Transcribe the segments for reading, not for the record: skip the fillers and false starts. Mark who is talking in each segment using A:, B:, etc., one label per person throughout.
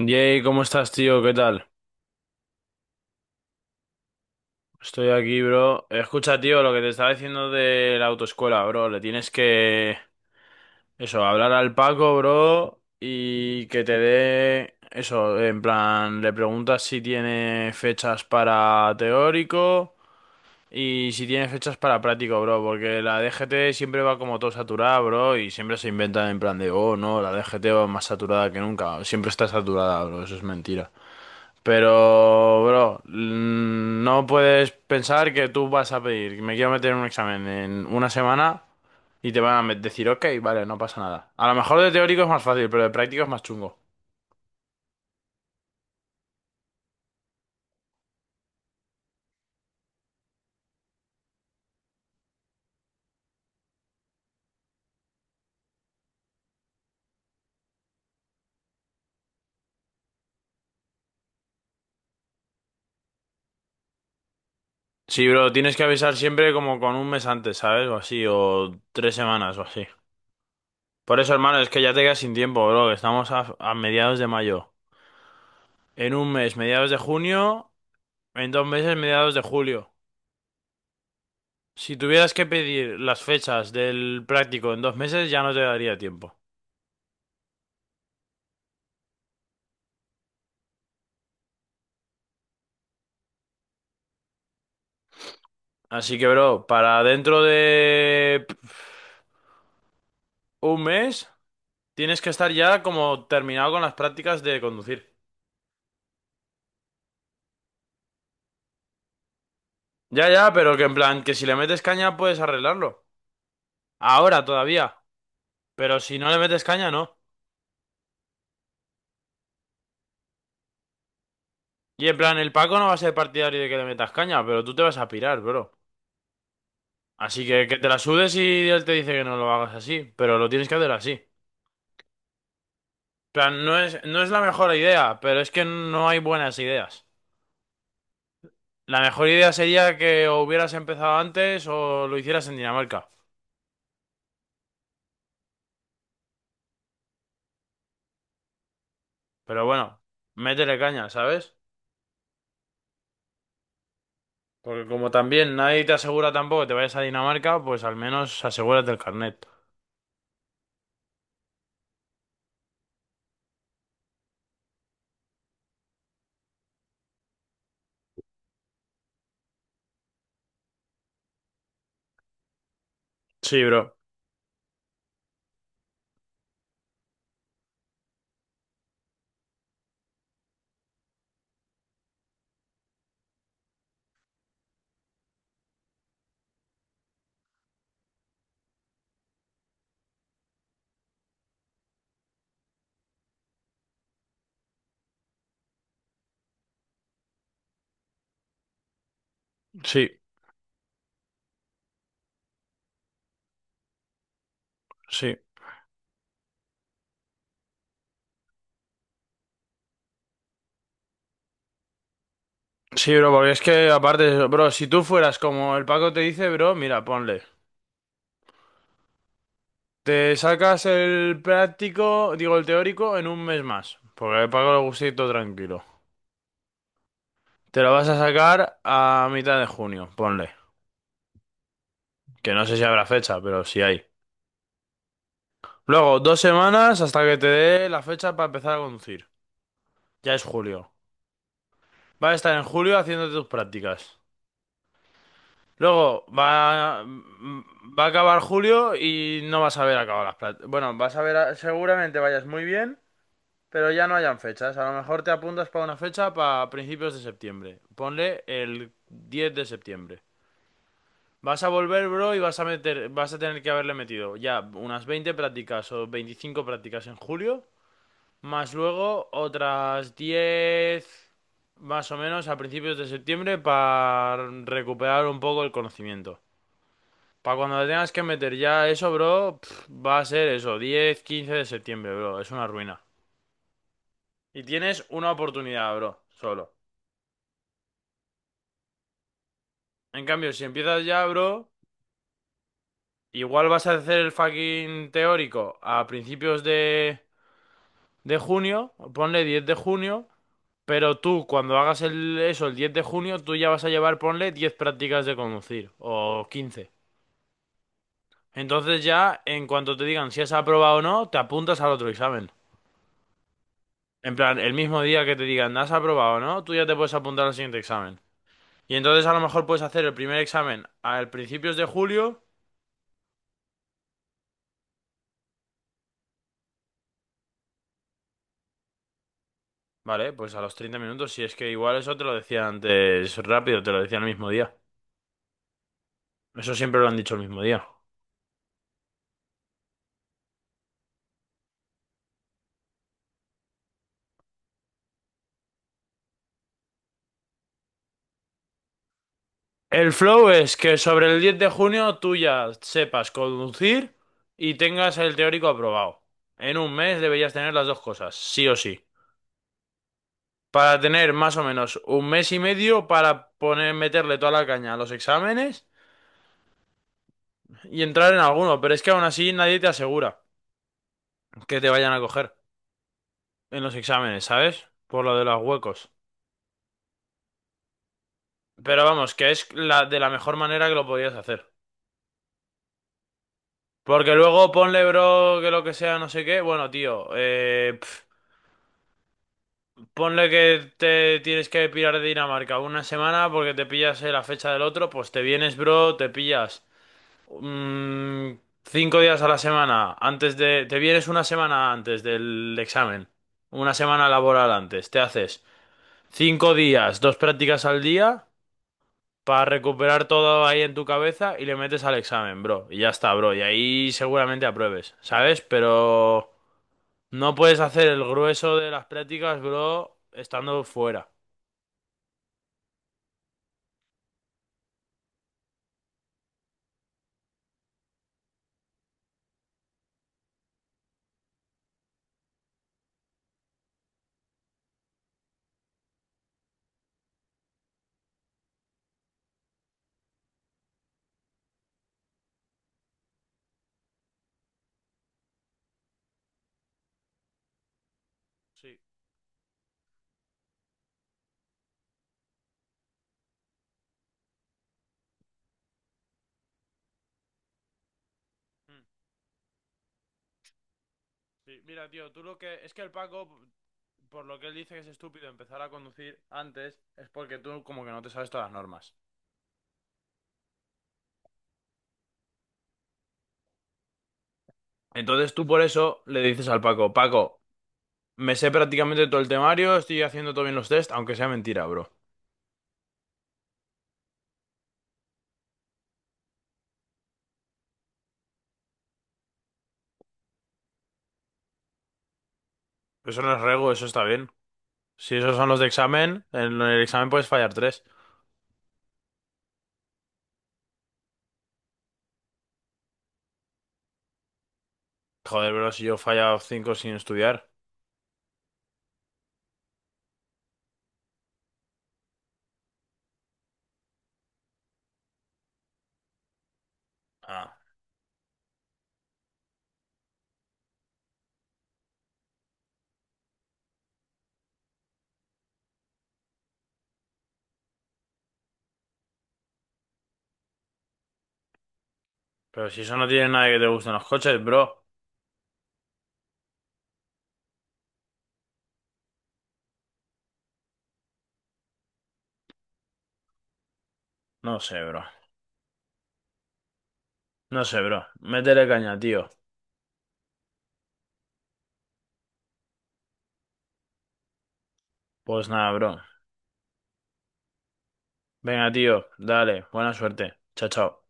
A: Jay, ¿cómo estás, tío? ¿Qué tal? Estoy aquí, bro. Escucha, tío, lo que te estaba diciendo de la autoescuela, bro. Le tienes que, eso, hablar al Paco, bro, y que te dé, eso, en plan, le preguntas si tiene fechas para teórico y si tiene fechas para práctico, bro, porque la DGT siempre va como todo saturada, bro, y siempre se inventan en plan de, oh, no, la DGT va más saturada que nunca. Siempre está saturada, bro, eso es mentira. Pero, bro, no puedes pensar que tú vas a pedir, me quiero meter en un examen en una semana y te van a decir, ok, vale, no pasa nada. A lo mejor de teórico es más fácil, pero de práctico es más chungo. Sí, bro, tienes que avisar siempre como con un mes antes, ¿sabes? O así, o tres semanas o así. Por eso, hermano, es que ya te quedas sin tiempo, bro, que estamos a mediados de mayo. En un mes, mediados de junio, en dos meses, mediados de julio. Si tuvieras que pedir las fechas del práctico en dos meses, ya no te daría tiempo. Así que, bro, para dentro de un mes tienes que estar ya como terminado con las prácticas de conducir. Ya, ya, pero que en plan, que si le metes caña puedes arreglarlo. Ahora todavía. Pero si no le metes caña, no. Y en plan, el Paco no va a ser partidario de que le metas caña, pero tú te vas a pirar, bro. Así que te la sudes y él te dice que no lo hagas así, pero lo tienes que hacer así. En plan, no es la mejor idea, pero es que no hay buenas ideas. La mejor idea sería que o hubieras empezado antes o lo hicieras en Dinamarca. Pero bueno, métele caña, ¿sabes? Porque como también nadie te asegura tampoco que te vayas a Dinamarca, pues al menos asegúrate el carnet. Sí, bro. Sí, sí. Sí, bro, porque es que aparte, bro, si tú fueras como el Paco te dice, bro, mira, ponle. Te sacas el práctico, digo el teórico, en un mes más. Porque el Paco le gusta ir todo tranquilo. Te lo vas a sacar a mitad de junio, ponle. Que no sé si habrá fecha, pero si hay. Luego, dos semanas hasta que te dé la fecha para empezar a conducir. Ya es julio. Va a estar en julio haciéndote tus prácticas. Luego, va a acabar julio y no vas a ver acabado las prácticas. Bueno, vas a ver, seguramente vayas muy bien, pero ya no hayan fechas. A lo mejor te apuntas para una fecha para principios de septiembre. Ponle el 10 de septiembre. Vas a volver, bro, y vas a meter, vas a tener que haberle metido ya unas 20 prácticas o 25 prácticas en julio. Más luego otras 10 más o menos a principios de septiembre para recuperar un poco el conocimiento. Para cuando le tengas que meter ya eso, bro, pf, va a ser eso, 10, 15 de septiembre, bro, es una ruina. Y tienes una oportunidad, bro, solo. En cambio, si empiezas ya, bro, igual vas a hacer el fucking teórico a principios de junio, ponle 10 de junio. Pero tú, cuando hagas eso el 10 de junio, tú ya vas a llevar, ponle, 10 prácticas de conducir, o 15. Entonces ya, en cuanto te digan si has aprobado o no, te apuntas al otro examen. En plan, el mismo día que te digan has aprobado o no, tú ya te puedes apuntar al siguiente examen. Y entonces a lo mejor puedes hacer el primer examen al principios de julio, ¿vale? Pues a los 30 minutos, si es que igual eso te lo decían antes rápido, te lo decían el mismo día. Eso siempre lo han dicho el mismo día. El flow es que sobre el 10 de junio tú ya sepas conducir y tengas el teórico aprobado. En un mes deberías tener las dos cosas, sí o sí. Para tener más o menos un mes y medio para poner, meterle toda la caña a los exámenes y entrar en alguno, pero es que aún así nadie te asegura que te vayan a coger en los exámenes, ¿sabes? Por lo de los huecos. Pero vamos, que es la, de la mejor manera que lo podías hacer. Porque luego ponle, bro, que lo que sea, no sé qué. Bueno, tío, ponle que te tienes que pirar de Dinamarca una semana porque te pillas la fecha del otro, pues te vienes, bro, te pillas mm, cinco días a la semana antes de... Te vienes una semana antes del examen, una semana laboral antes, te haces cinco días, dos prácticas al día para recuperar todo ahí en tu cabeza y le metes al examen, bro. Y ya está, bro, y ahí seguramente apruebes, ¿sabes? Pero no puedes hacer el grueso de las prácticas, bro, estando fuera. Sí. Mm. Sí, mira, tío, tú lo que... Es que el Paco, por lo que él dice que es estúpido empezar a conducir antes, es porque tú como que no te sabes todas las normas. Entonces tú por eso le dices al Paco, Paco, me sé prácticamente todo el temario, estoy haciendo todo bien los test, aunque sea mentira, bro. Eso no es rego, eso está bien. Si esos son los de examen, en el examen puedes fallar tres. Joder, bro, si yo he fallado cinco sin estudiar. Ah, pero si eso no tiene nada que te guste en los coches, bro. No sé, bro. No sé, bro. Métele caña, tío. Pues nada, bro. Venga, tío, dale, buena suerte. Chao, chao.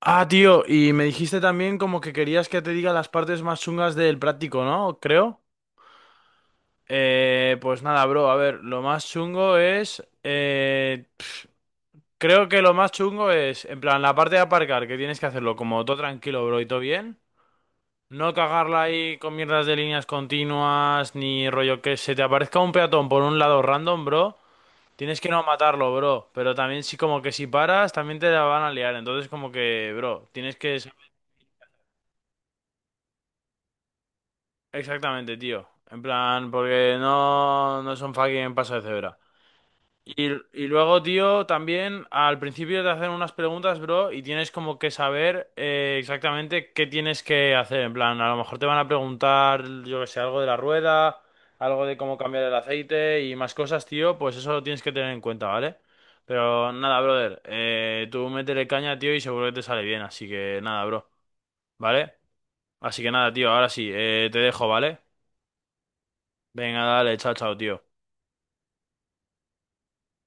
A: Ah, tío, y me dijiste también como que querías que te diga las partes más chungas del práctico, ¿no? Creo. Pues nada, bro, a ver, lo más chungo es... creo que lo más chungo es, en plan, la parte de aparcar, que tienes que hacerlo como todo tranquilo, bro, y todo bien. No cagarla ahí con mierdas de líneas continuas, ni rollo que se te aparezca un peatón por un lado random, bro. Tienes que no matarlo, bro. Pero también sí como que si paras, también te la van a liar. Entonces como que, bro, tienes que... saber- Exactamente, tío. En plan, porque no, no son fucking paso de cebra. Y, y luego, tío, también al principio te hacen unas preguntas, bro, y tienes como que saber exactamente qué tienes que hacer. En plan, a lo mejor te van a preguntar, yo que sé, algo de la rueda, algo de cómo cambiar el aceite y más cosas, tío, pues eso lo tienes que tener en cuenta, ¿vale? Pero nada, brother, tú métele caña, tío, y seguro que te sale bien, así que nada, bro, ¿vale? Así que nada, tío, ahora sí, te dejo, ¿vale? Venga, dale, chao, chao, tío.